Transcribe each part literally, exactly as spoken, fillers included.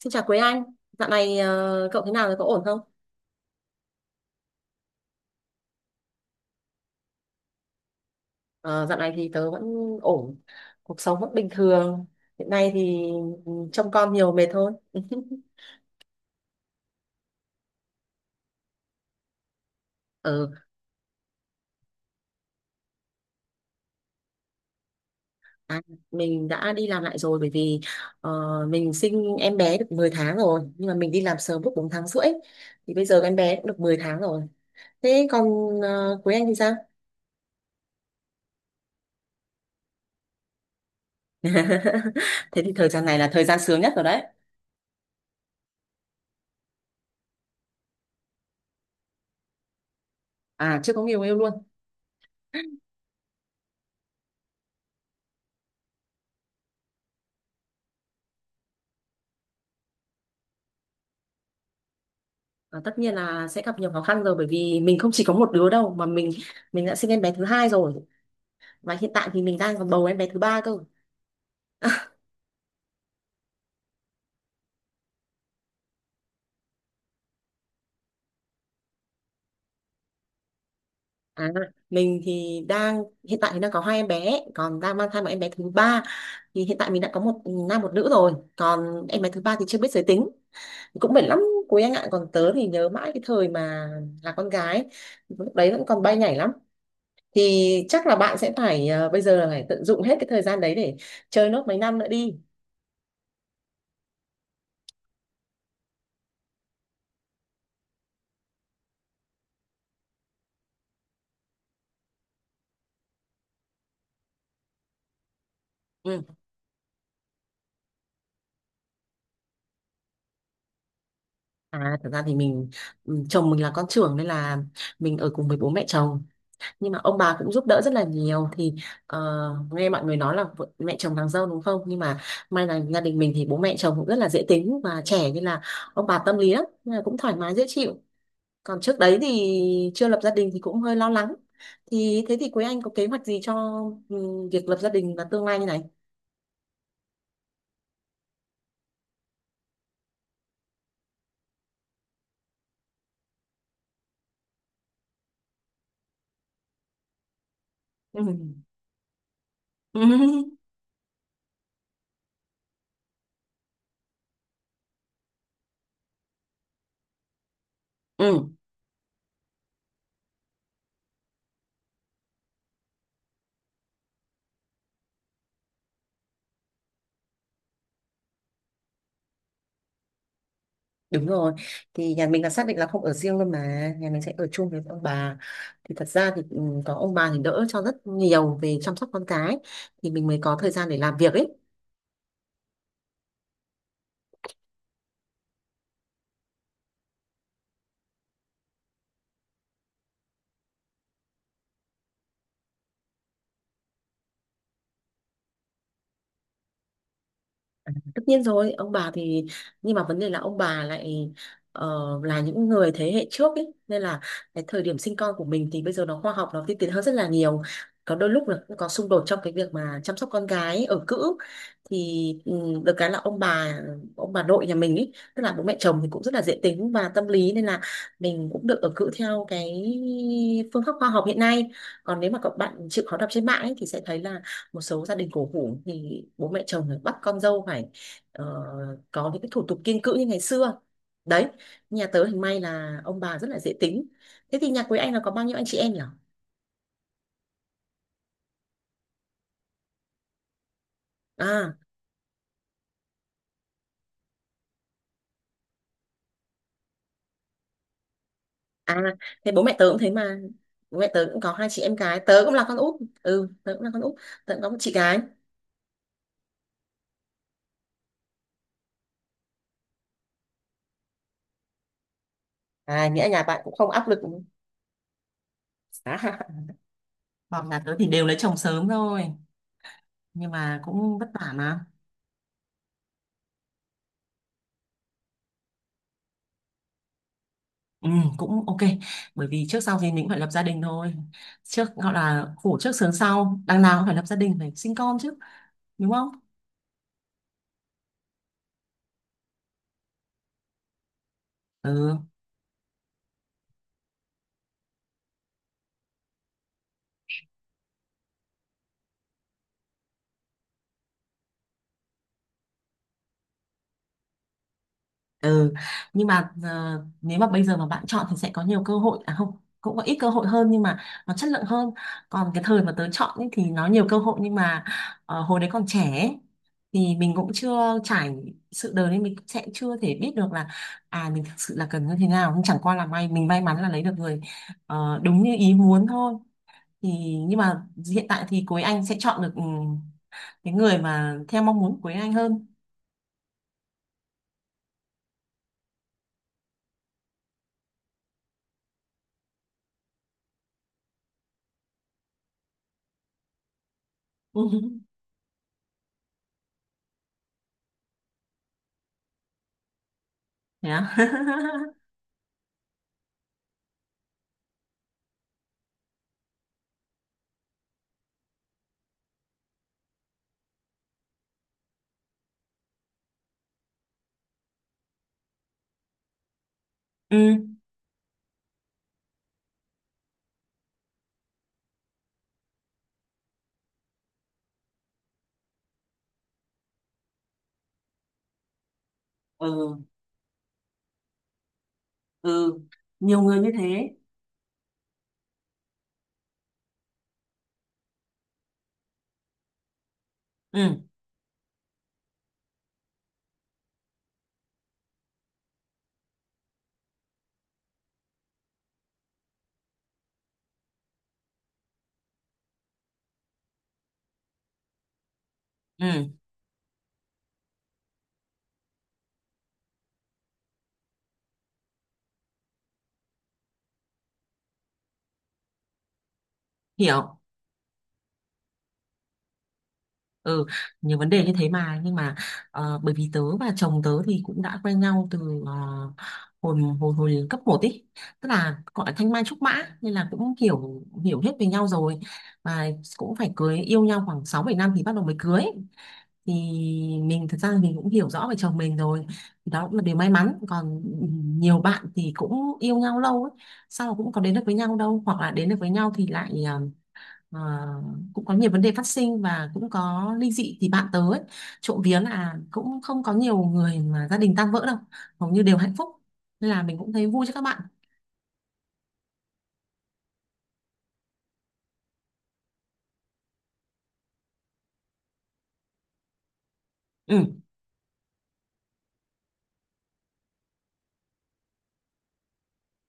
Xin chào Quế Anh, dạo này ờ, cậu thế nào rồi, có ổn không? Ờ, dạo này thì tớ vẫn ổn, cuộc sống vẫn bình thường. Hiện nay thì ừ, trông con nhiều mệt thôi. Ừ, à, mình đã đi làm lại rồi bởi vì ờ, mình sinh em bé được mười tháng rồi, nhưng mà mình đi làm sớm lúc bốn tháng rưỡi tháng rưỡi. Thì bây giờ em bé cũng được mười tháng rồi. Thế còn uh, Quế Anh thì sao? Thế thì thời gian này là thời gian sướng nhất rồi đấy. À, chưa có người yêu luôn. Và tất nhiên là sẽ gặp nhiều khó khăn rồi bởi vì mình không chỉ có một đứa đâu mà mình mình đã sinh em bé thứ hai rồi, và hiện tại thì mình đang còn bầu em bé thứ ba cơ. à, mình thì đang hiện tại thì đang có hai em bé, còn đang mang thai một em bé thứ ba. Thì hiện tại mình đã có một nam một nữ rồi, còn em bé thứ ba thì chưa biết giới tính. Cũng mệt lắm quý anh ạ. Còn tớ thì nhớ mãi cái thời mà là con gái, lúc đấy vẫn còn bay nhảy lắm. Thì chắc là bạn sẽ phải ờ, bây giờ là phải tận dụng hết cái thời gian đấy để chơi nốt mấy năm nữa đi. Ừ. À, thật ra thì mình ừ, chồng mình là con trưởng nên là mình ở cùng với bố mẹ chồng. Nhưng mà ông bà cũng giúp đỡ rất là nhiều. Thì ờ, nghe mọi người nói là vợ- mẹ chồng nàng dâu đúng không, nhưng mà may là gia đình mình thì bố mẹ chồng cũng rất là dễ tính và trẻ, nên là ông bà tâm lý lắm, nên là cũng thoải mái dễ chịu. Còn trước đấy thì chưa lập gia đình thì cũng hơi lo lắng. Thì thế thì Quế Anh có kế hoạch gì cho ừ, việc lập gia đình và tương lai như này? Ừ. Ừ. Đúng rồi, thì nhà mình là xác định là không ở riêng luôn mà, nhà mình sẽ ở chung với ông bà. Thì thật ra thì ừ, có ông bà thì đỡ cho rất nhiều về chăm sóc con cái, thì mình mới có thời gian để làm việc ấy. Tất nhiên rồi ông bà thì, nhưng mà vấn đề là ông bà lại ờ, là những người thế hệ trước ấy, nên là cái thời điểm sinh con của mình thì bây giờ nó khoa học, nó tiên tiến hơn rất là nhiều. Có đôi lúc là cũng có xung đột trong cái việc mà chăm sóc con gái ở cữ. Thì ừ, được cái là ông bà ông bà nội nhà mình ấy, tức là bố mẹ chồng thì cũng rất là dễ tính và tâm lý, nên là mình cũng được ở cữ theo cái phương pháp khoa học hiện nay. Còn nếu mà các bạn chịu khó đọc trên mạng ấy, thì sẽ thấy là một số gia đình cổ hủ thì bố mẹ chồng phải bắt con dâu phải ờ, có những cái thủ tục kiêng cữ như ngày xưa đấy. Nhà tớ thì may là ông bà rất là dễ tính. Thế thì nhà quý anh là có bao nhiêu anh chị em nhỉ? À à thế bố mẹ tớ cũng thế mà. Bố mẹ tớ cũng có hai chị em gái, tớ cũng là con út. Ừ tớ cũng là con út, tớ cũng có một chị gái. À, nghĩa là nhà bạn cũng không áp lực à. Bọn nhà tớ thì đều lấy chồng sớm thôi, nhưng mà cũng vất vả mà. Ừ, cũng ok, bởi vì trước sau gì mình cũng phải lập gia đình thôi. Trước gọi là khổ trước sướng sau, đằng nào cũng phải lập gia đình phải sinh con chứ, đúng không? Ừ. Ừ. Nhưng mà ờ, nếu mà bây giờ mà bạn chọn thì sẽ có nhiều cơ hội, à không, cũng có ít cơ hội hơn nhưng mà nó chất lượng hơn. Còn cái thời mà tớ chọn ấy, thì nó nhiều cơ hội, nhưng mà ờ, hồi đấy còn trẻ ấy, thì mình cũng chưa trải sự đời nên mình cũng sẽ chưa thể biết được là à mình thực sự là cần như thế nào. Nhưng chẳng qua là may mình may mắn là lấy được người ờ, đúng như ý muốn thôi. Thì, nhưng mà hiện tại thì cuối anh sẽ chọn được ừ, cái người mà theo mong muốn của cuối anh hơn. Ừ. Thế à? Ừ. Ừ. Ừ. Nhiều người như thế. Ừ. Ừ. Hiểu. Ừ. Nhiều vấn đề như thế mà, nhưng mà ờ, bởi vì tớ và chồng tớ thì cũng đã quen nhau từ ờ, hồi hồi hồi cấp một ý, tức là gọi là thanh mai trúc mã, nên là cũng hiểu hiểu hết về nhau rồi. Và cũng phải cưới, yêu nhau khoảng sáu bảy năm thì bắt đầu mới cưới. Thì mình thật ra là mình cũng hiểu rõ về chồng mình rồi, thì đó cũng là điều may mắn. Còn nhiều bạn thì cũng yêu nhau lâu ấy, sao mà cũng có đến được với nhau đâu, hoặc là đến được với nhau thì lại ờ, ờ, cũng có nhiều vấn đề phát sinh và cũng có ly dị thì bạn tớ ấy. Trộm vía là cũng không có nhiều người mà gia đình tan vỡ đâu, hầu như đều hạnh phúc, nên là mình cũng thấy vui cho các bạn. Ừ.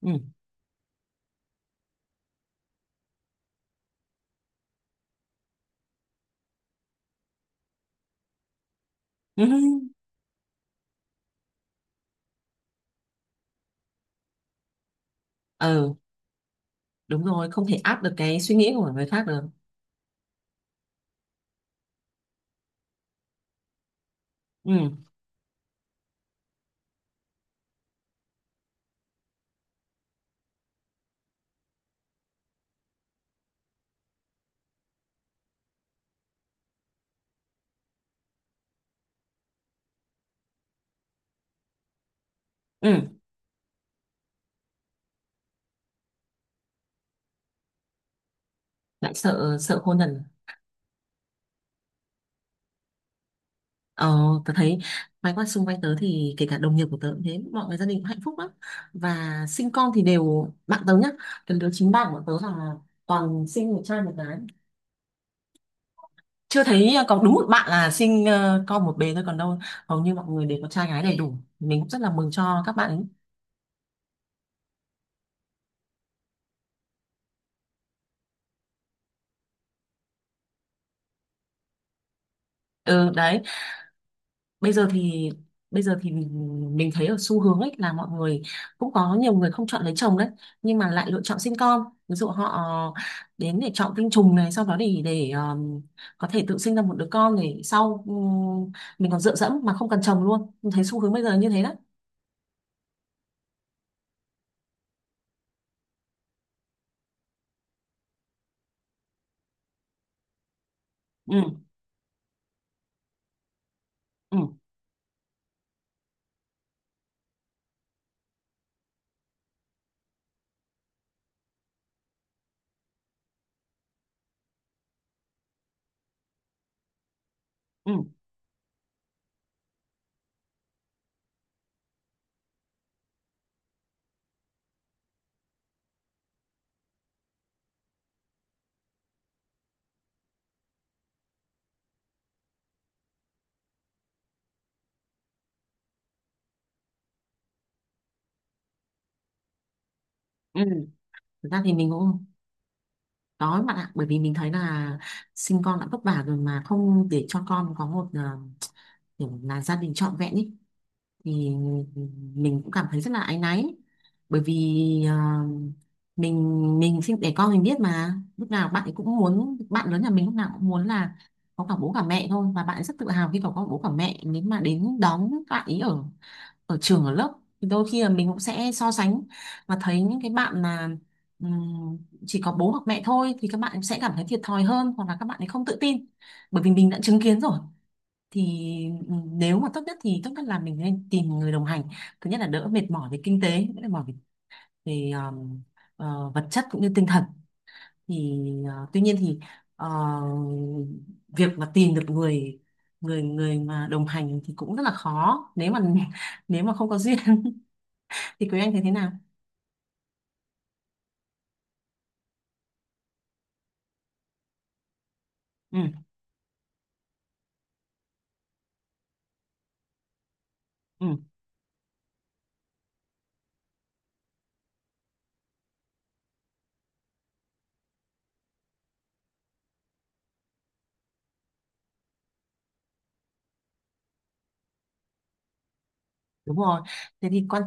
Ừ. Ừ. Ừ. Đúng rồi, không thể áp được cái suy nghĩ của người khác được. Ừ. Ừ. Lại sợ sợ khôn dần. ờ Tớ thấy mấy con xung quanh tớ thì kể cả đồng nghiệp của tớ cũng thế, mọi người gia đình cũng hạnh phúc lắm, và sinh con thì đều bạn tớ nhá. Cái đứa chính bạn của tớ là toàn sinh một trai một gái. Chưa thấy ờ, có đúng một bạn là sinh ờ, con một bé thôi, còn đâu hầu như mọi người đều có trai gái đầy đủ. Mình cũng rất là mừng cho các bạn ấy. ừ đấy. Bây giờ thì, bây giờ thì mình, mình thấy ở xu hướng ấy là mọi người cũng có nhiều người không chọn lấy chồng đấy, nhưng mà lại lựa chọn sinh con. Ví dụ họ đến để chọn tinh trùng này, sau đó để để ờ, có thể tự sinh ra một đứa con để sau ừ, mình còn dựa dẫm mà không cần chồng luôn. Mình thấy xu hướng bây giờ như thế đó. Ừ. Ừ. Ừ. Ừ. Thực ra thì mình cũng, đó bạn ạ, bởi vì mình thấy là sinh con đã vất vả rồi mà không để cho con có một ờ, kiểu là gia đình trọn vẹn ý, thì mình cũng cảm thấy rất là áy náy. Bởi vì ờ, mình mình sinh đẻ con mình biết mà, lúc nào bạn ấy cũng muốn, bạn lớn nhà mình lúc nào cũng muốn là có cả bố cả mẹ thôi, và bạn ấy rất tự hào khi có có bố cả mẹ nếu mà đến đón bạn ấy ở ở trường ở lớp. Thì đôi khi là mình cũng sẽ so sánh và thấy những cái bạn mà ừm, chỉ có bố hoặc mẹ thôi thì các bạn sẽ cảm thấy thiệt thòi hơn, hoặc là các bạn ấy không tự tin, bởi vì mình đã chứng kiến rồi. Thì ừm, nếu mà tốt nhất thì tốt nhất là mình nên tìm người đồng hành, thứ nhất là đỡ mệt mỏi về kinh tế, đỡ mệt mỏi về, về ờm, ờ, vật chất cũng như tinh thần. Thì ờ, tuy nhiên thì ờ, việc mà tìm được người người người mà đồng hành thì cũng rất là khó, nếu mà nếu mà không có duyên. Thì quý anh thấy thế nào? Ừ. Ừ. Đúng rồi. Thế thì quan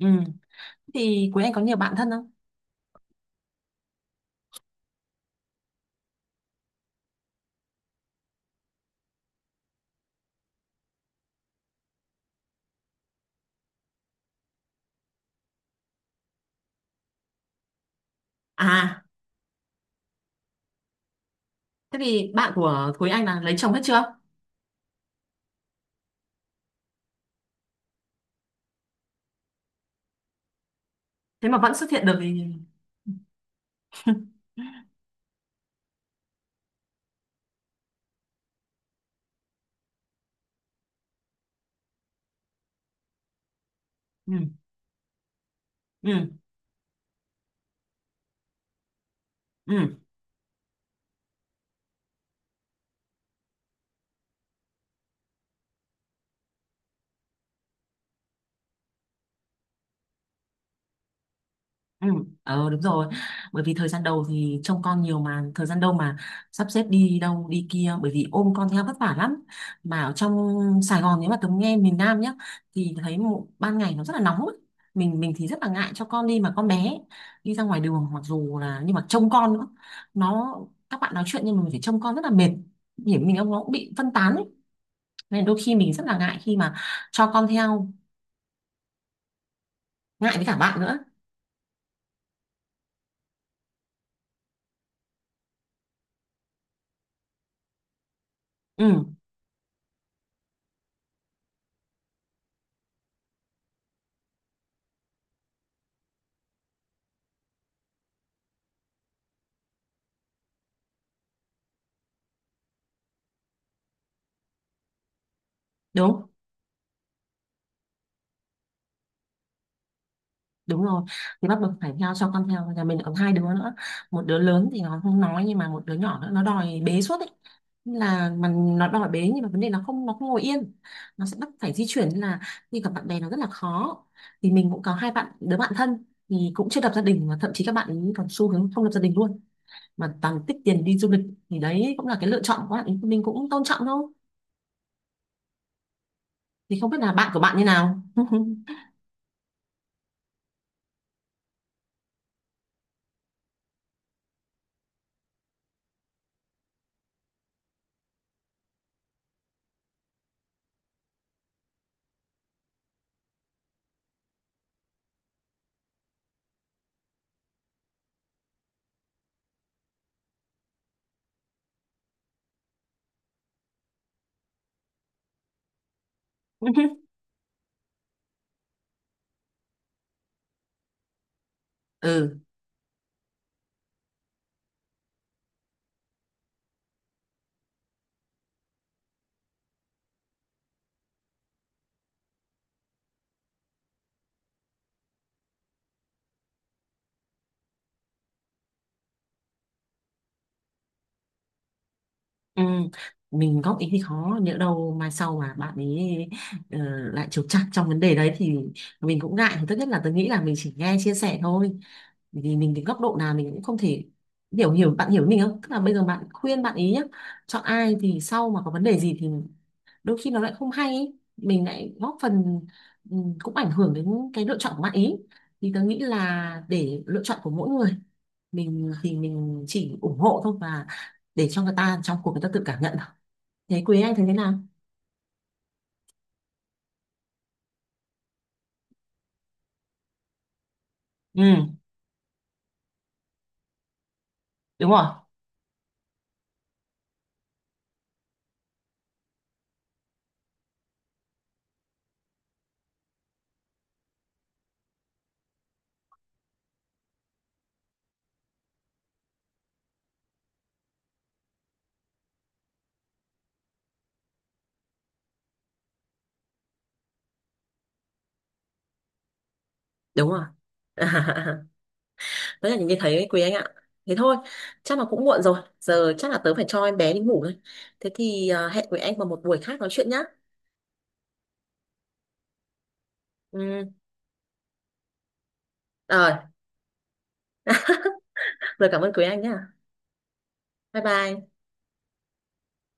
ừ thì quý anh có nhiều bạn thân không? À, thế thì bạn của quý anh là lấy chồng hết chưa? Thế mà vẫn xuất hiện được thì. Ừ. Ừ. Ừ. Ừ, ờ đúng rồi, bởi vì thời gian đầu thì trông con nhiều, mà thời gian đâu mà sắp xếp đi đâu đi kia, bởi vì ôm con theo vất vả lắm. Mà ở trong Sài Gòn, nếu mà Tấm nghe miền Nam nhá, thì thấy mụ- ban ngày nó rất là nóng ấy. mình mình thì rất là ngại cho con đi mà con bé ấy, đi ra ngoài đường, mặc dù là, nhưng mà trông con nữa, nó, các bạn nói chuyện nhưng mà mình phải trông con rất là mệt, điểm mình ông nó cũng bị phân tán ấy. Nên đôi khi mình rất là ngại khi mà cho con theo, ngại với cả bạn nữa. Ừ. đúng đúng rồi Thì bắt buộc phải theo, cho con theo, nhà mình còn hai đứa nữa, một đứa lớn thì nó không nói, nhưng mà một đứa nhỏ nữa nó đòi bế suốt ấy. Nên là mà nó đòi bế, nhưng mà vấn đề nó không nó không ngồi yên, nó sẽ bắt phải di chuyển, nên là đi gặp bạn bè nó rất là khó. Thì mình cũng có hai bạn đứa bạn thân thì cũng chưa lập gia đình, và thậm chí các bạn ấy còn xu hướng không lập gia đình luôn, mà toàn tích tiền đi du lịch. Thì đấy cũng là cái lựa chọn của bạn ấy, mình cũng tôn trọng thôi. Thì không biết là bạn của bạn như nào? Ừ. Ừ, mình góp ý thì khó, nhỡ đâu mai sau mà bạn ấy ờ, lại trục trặc trong vấn đề đấy thì mình cũng ngại. Thì tốt nhất là tôi nghĩ là mình chỉ nghe chia sẻ thôi. Bởi vì mình đến góc độ nào mình cũng không thể hiểu hiểu bạn, hiểu mình không, tức là bây giờ bạn khuyên bạn ý nhá chọn ai, thì sau mà có vấn đề gì thì đôi khi nó lại không hay ý, mình lại góp phần ừ, cũng ảnh hưởng đến cái lựa chọn của bạn ý. Thì tôi nghĩ là để lựa chọn của mỗi người, mình thì mình chỉ ủng hộ thôi và để cho người ta trong cuộc người ta tự cảm nhận. Thấy quý anh thấy thế nào? Ừ, đúng rồi. Đúng rồi. Đấy là những cái thấy ấy, quý anh ạ. Thế thôi, chắc là cũng muộn rồi. Giờ chắc là tớ phải cho em bé đi ngủ rồi. Thế thì à, hẹn quý anh vào một buổi khác nói chuyện nhá. Ừ. Rồi, rồi cảm ơn quý anh nhá. Bye bye.